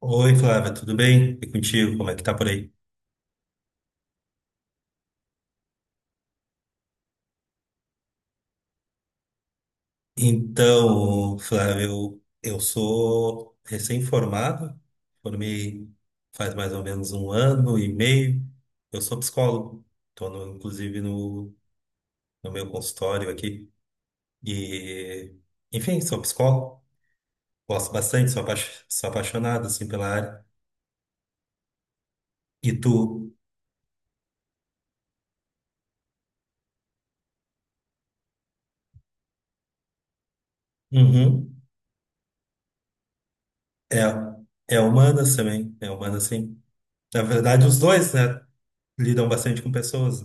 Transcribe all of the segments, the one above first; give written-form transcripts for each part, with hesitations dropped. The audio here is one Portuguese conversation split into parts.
Oi, Flávia, tudo bem? E contigo, como é que tá por aí? Então, Flávia, eu sou recém-formado, formei faz mais ou menos um ano e meio. Eu sou psicólogo, estou inclusive no meu consultório aqui. E, enfim, sou psicólogo, gosto bastante, sou, sou apaixonado assim, pela área. E tu? Uhum. É, é humanas também, é humanas sim. Na verdade, os dois, né? Lidam bastante com pessoas.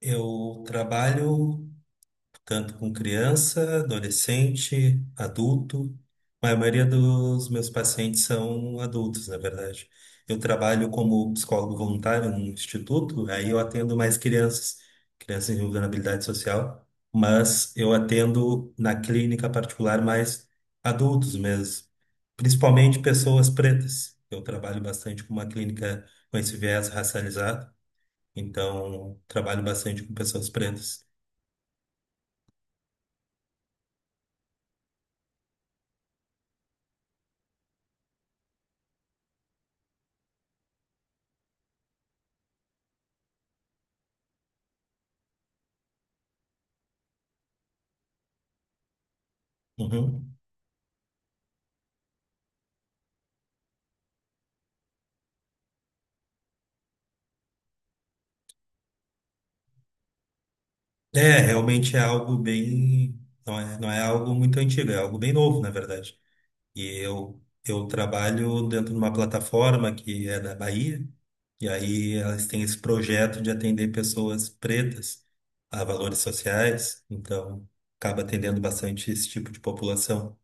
Eu trabalho tanto com criança, adolescente, adulto. A maioria dos meus pacientes são adultos, na verdade. Eu trabalho como psicólogo voluntário num instituto, aí eu atendo mais crianças, crianças em vulnerabilidade social, mas eu atendo na clínica particular mais adultos mesmo, principalmente pessoas pretas. Eu trabalho bastante com uma clínica com esse viés racializado. Então, trabalho bastante com pessoas pretas. Uhum. É, realmente é algo bem. Não é algo muito antigo, é algo bem novo, na verdade. E eu trabalho dentro de uma plataforma que é da Bahia, e aí elas têm esse projeto de atender pessoas pretas a valores sociais, então acaba atendendo bastante esse tipo de população.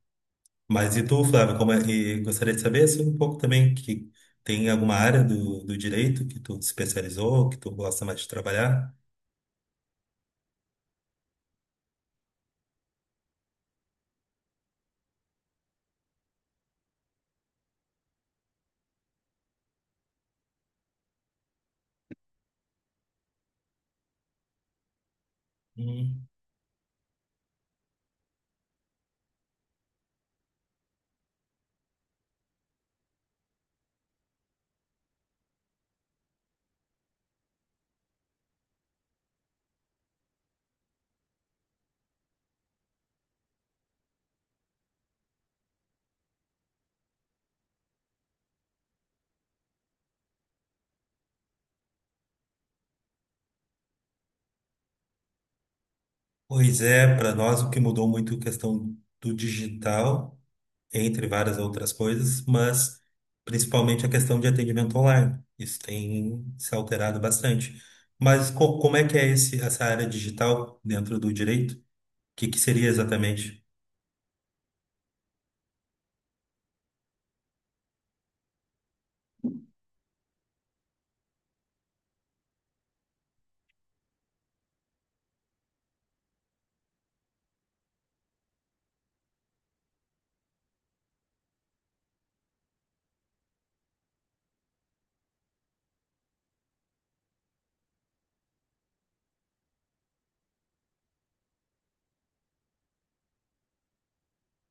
Mas e tu, Flávio, como é, e gostaria de saber assim, um pouco também que tem alguma área do direito que tu especializou, que tu gosta mais de trabalhar? Hum. Pois é, para nós o que mudou muito é a questão do digital, entre várias outras coisas, mas principalmente a questão de atendimento online. Isso tem se alterado bastante. Mas como é que é esse, essa área digital dentro do direito? O que que seria exatamente?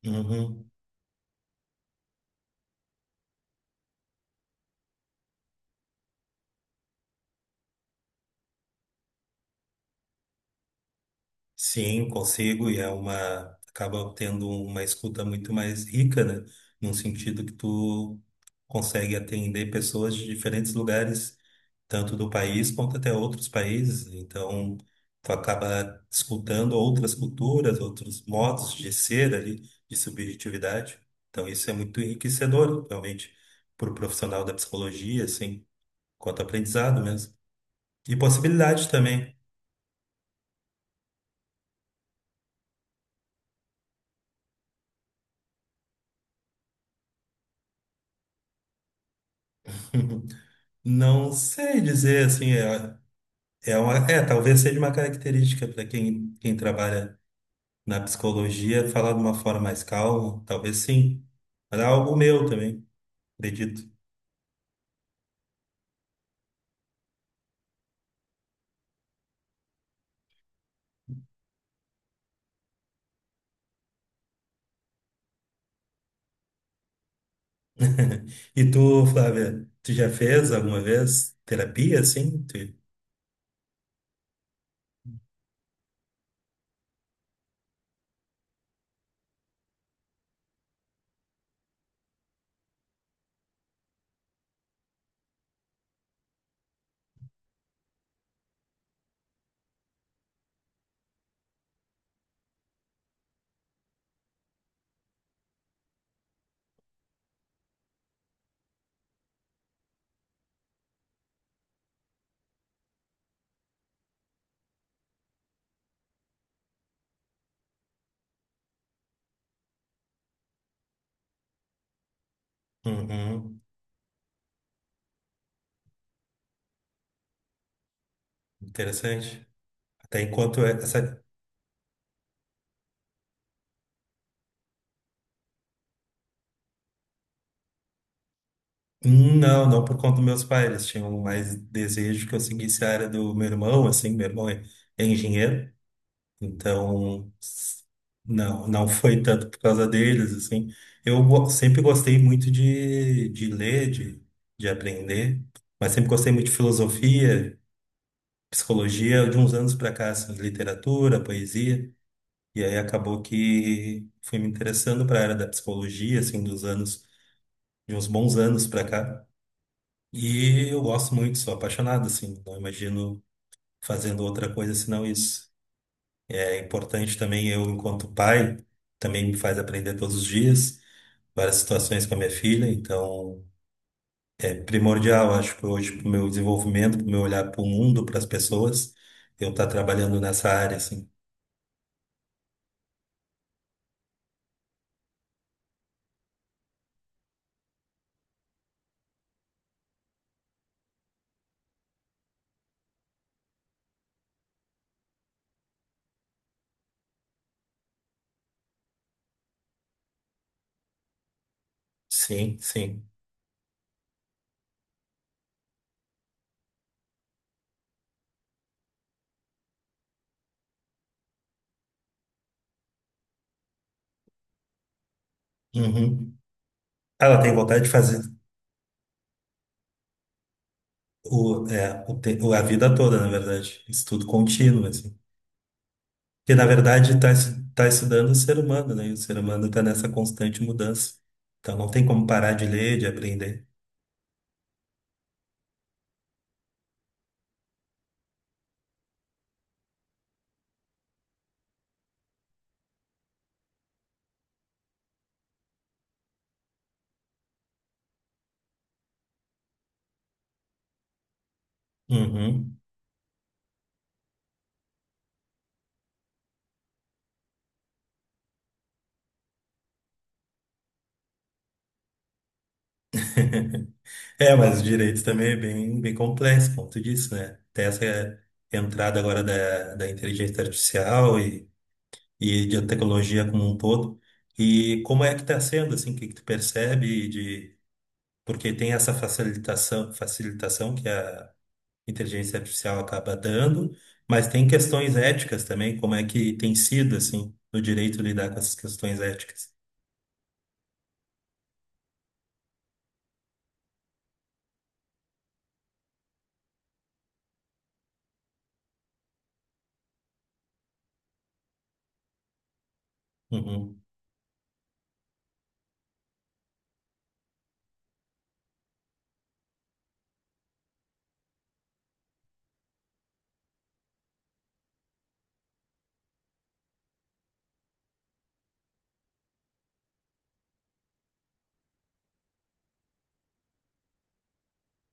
Uhum. Sim, consigo, e é uma, acaba tendo uma escuta muito mais rica, né? Num sentido que tu consegue atender pessoas de diferentes lugares, tanto do país quanto até outros países. Então, tu acaba escutando outras culturas, outros modos de ser ali, de subjetividade. Então, isso é muito enriquecedor, realmente, para o profissional da psicologia, assim, quanto aprendizado mesmo. E possibilidade também. Não sei dizer assim, é, é uma, é, talvez seja uma característica para quem, quem trabalha na psicologia falar de uma forma mais calma, talvez sim. Mas é algo meu também, acredito. E tu, Flávia, tu já fez alguma vez terapia assim? Tu- Uhum, interessante. Até enquanto é, essa. Não, não por conta dos meus pais. Eles tinham mais desejo que eu seguisse a área do meu irmão, assim. Meu irmão é engenheiro. Então, s- não, não foi tanto por causa deles, assim. Eu go- sempre gostei muito de ler, de aprender, mas sempre gostei muito de filosofia, psicologia, de uns anos para cá, assim, literatura, poesia, e aí acabou que fui me interessando para a área da psicologia, assim, dos anos, de uns bons anos para cá. E eu gosto muito, sou apaixonado, assim, não imagino fazendo outra coisa senão isso. É importante também eu, enquanto pai, também me faz aprender todos os dias várias situações com a minha filha, então é primordial, acho que hoje para o meu desenvolvimento, para o meu olhar para o mundo, para as pessoas, eu estar trabalhando nessa área, assim. Sim, sim. Uhum. Ah, ela tem vontade de fazer o, é, o, te- a vida toda, na verdade, estudo contínuo, assim. Porque, na verdade, está tá estudando o ser humano, né? E o ser humano está nessa constante mudança. Então, não tem como parar de ler, de aprender. Uhum. É, mas o direito também é bem, bem complexo, por conta disso, né? Tem essa entrada agora da inteligência artificial e de tecnologia como um todo. E como é que está sendo, assim, o que, que tu percebe de... Porque tem essa facilitação, facilitação que a inteligência artificial acaba dando, mas tem questões éticas também, como é que tem sido, assim, no direito lidar com essas questões éticas. Uhum,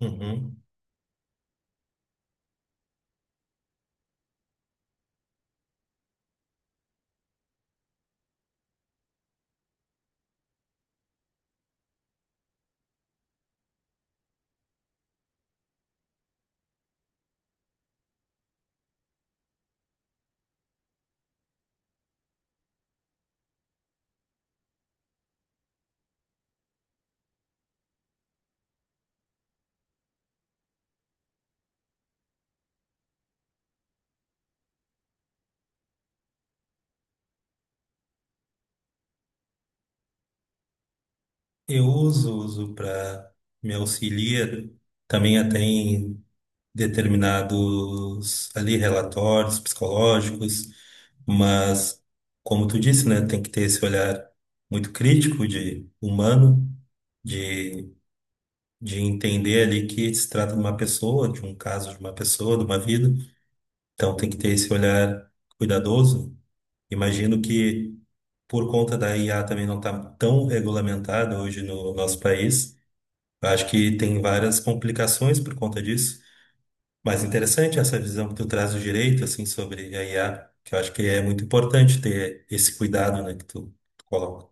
uhum. Eu uso, uso para me auxiliar também até em determinados ali relatórios psicológicos, mas como tu disse, né, tem que ter esse olhar muito crítico de humano, de, de entender ali que se trata de uma pessoa, de um caso de uma pessoa, de uma vida, então tem que ter esse olhar cuidadoso. Imagino que por conta da IA também não está tão regulamentada hoje no nosso país, eu acho que tem várias complicações por conta disso, mas interessante essa visão que tu traz do direito, assim, sobre a IA, que eu acho que é muito importante ter esse cuidado, né, que tu coloca.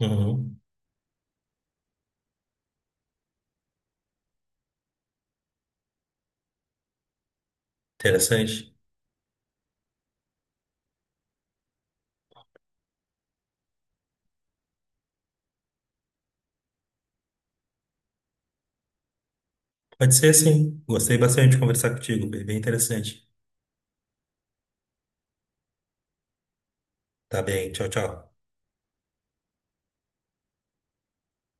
Uhum. Interessante. Pode ser, sim. Gostei bastante de conversar contigo, bem bem interessante. Tá bem, tchau, tchau.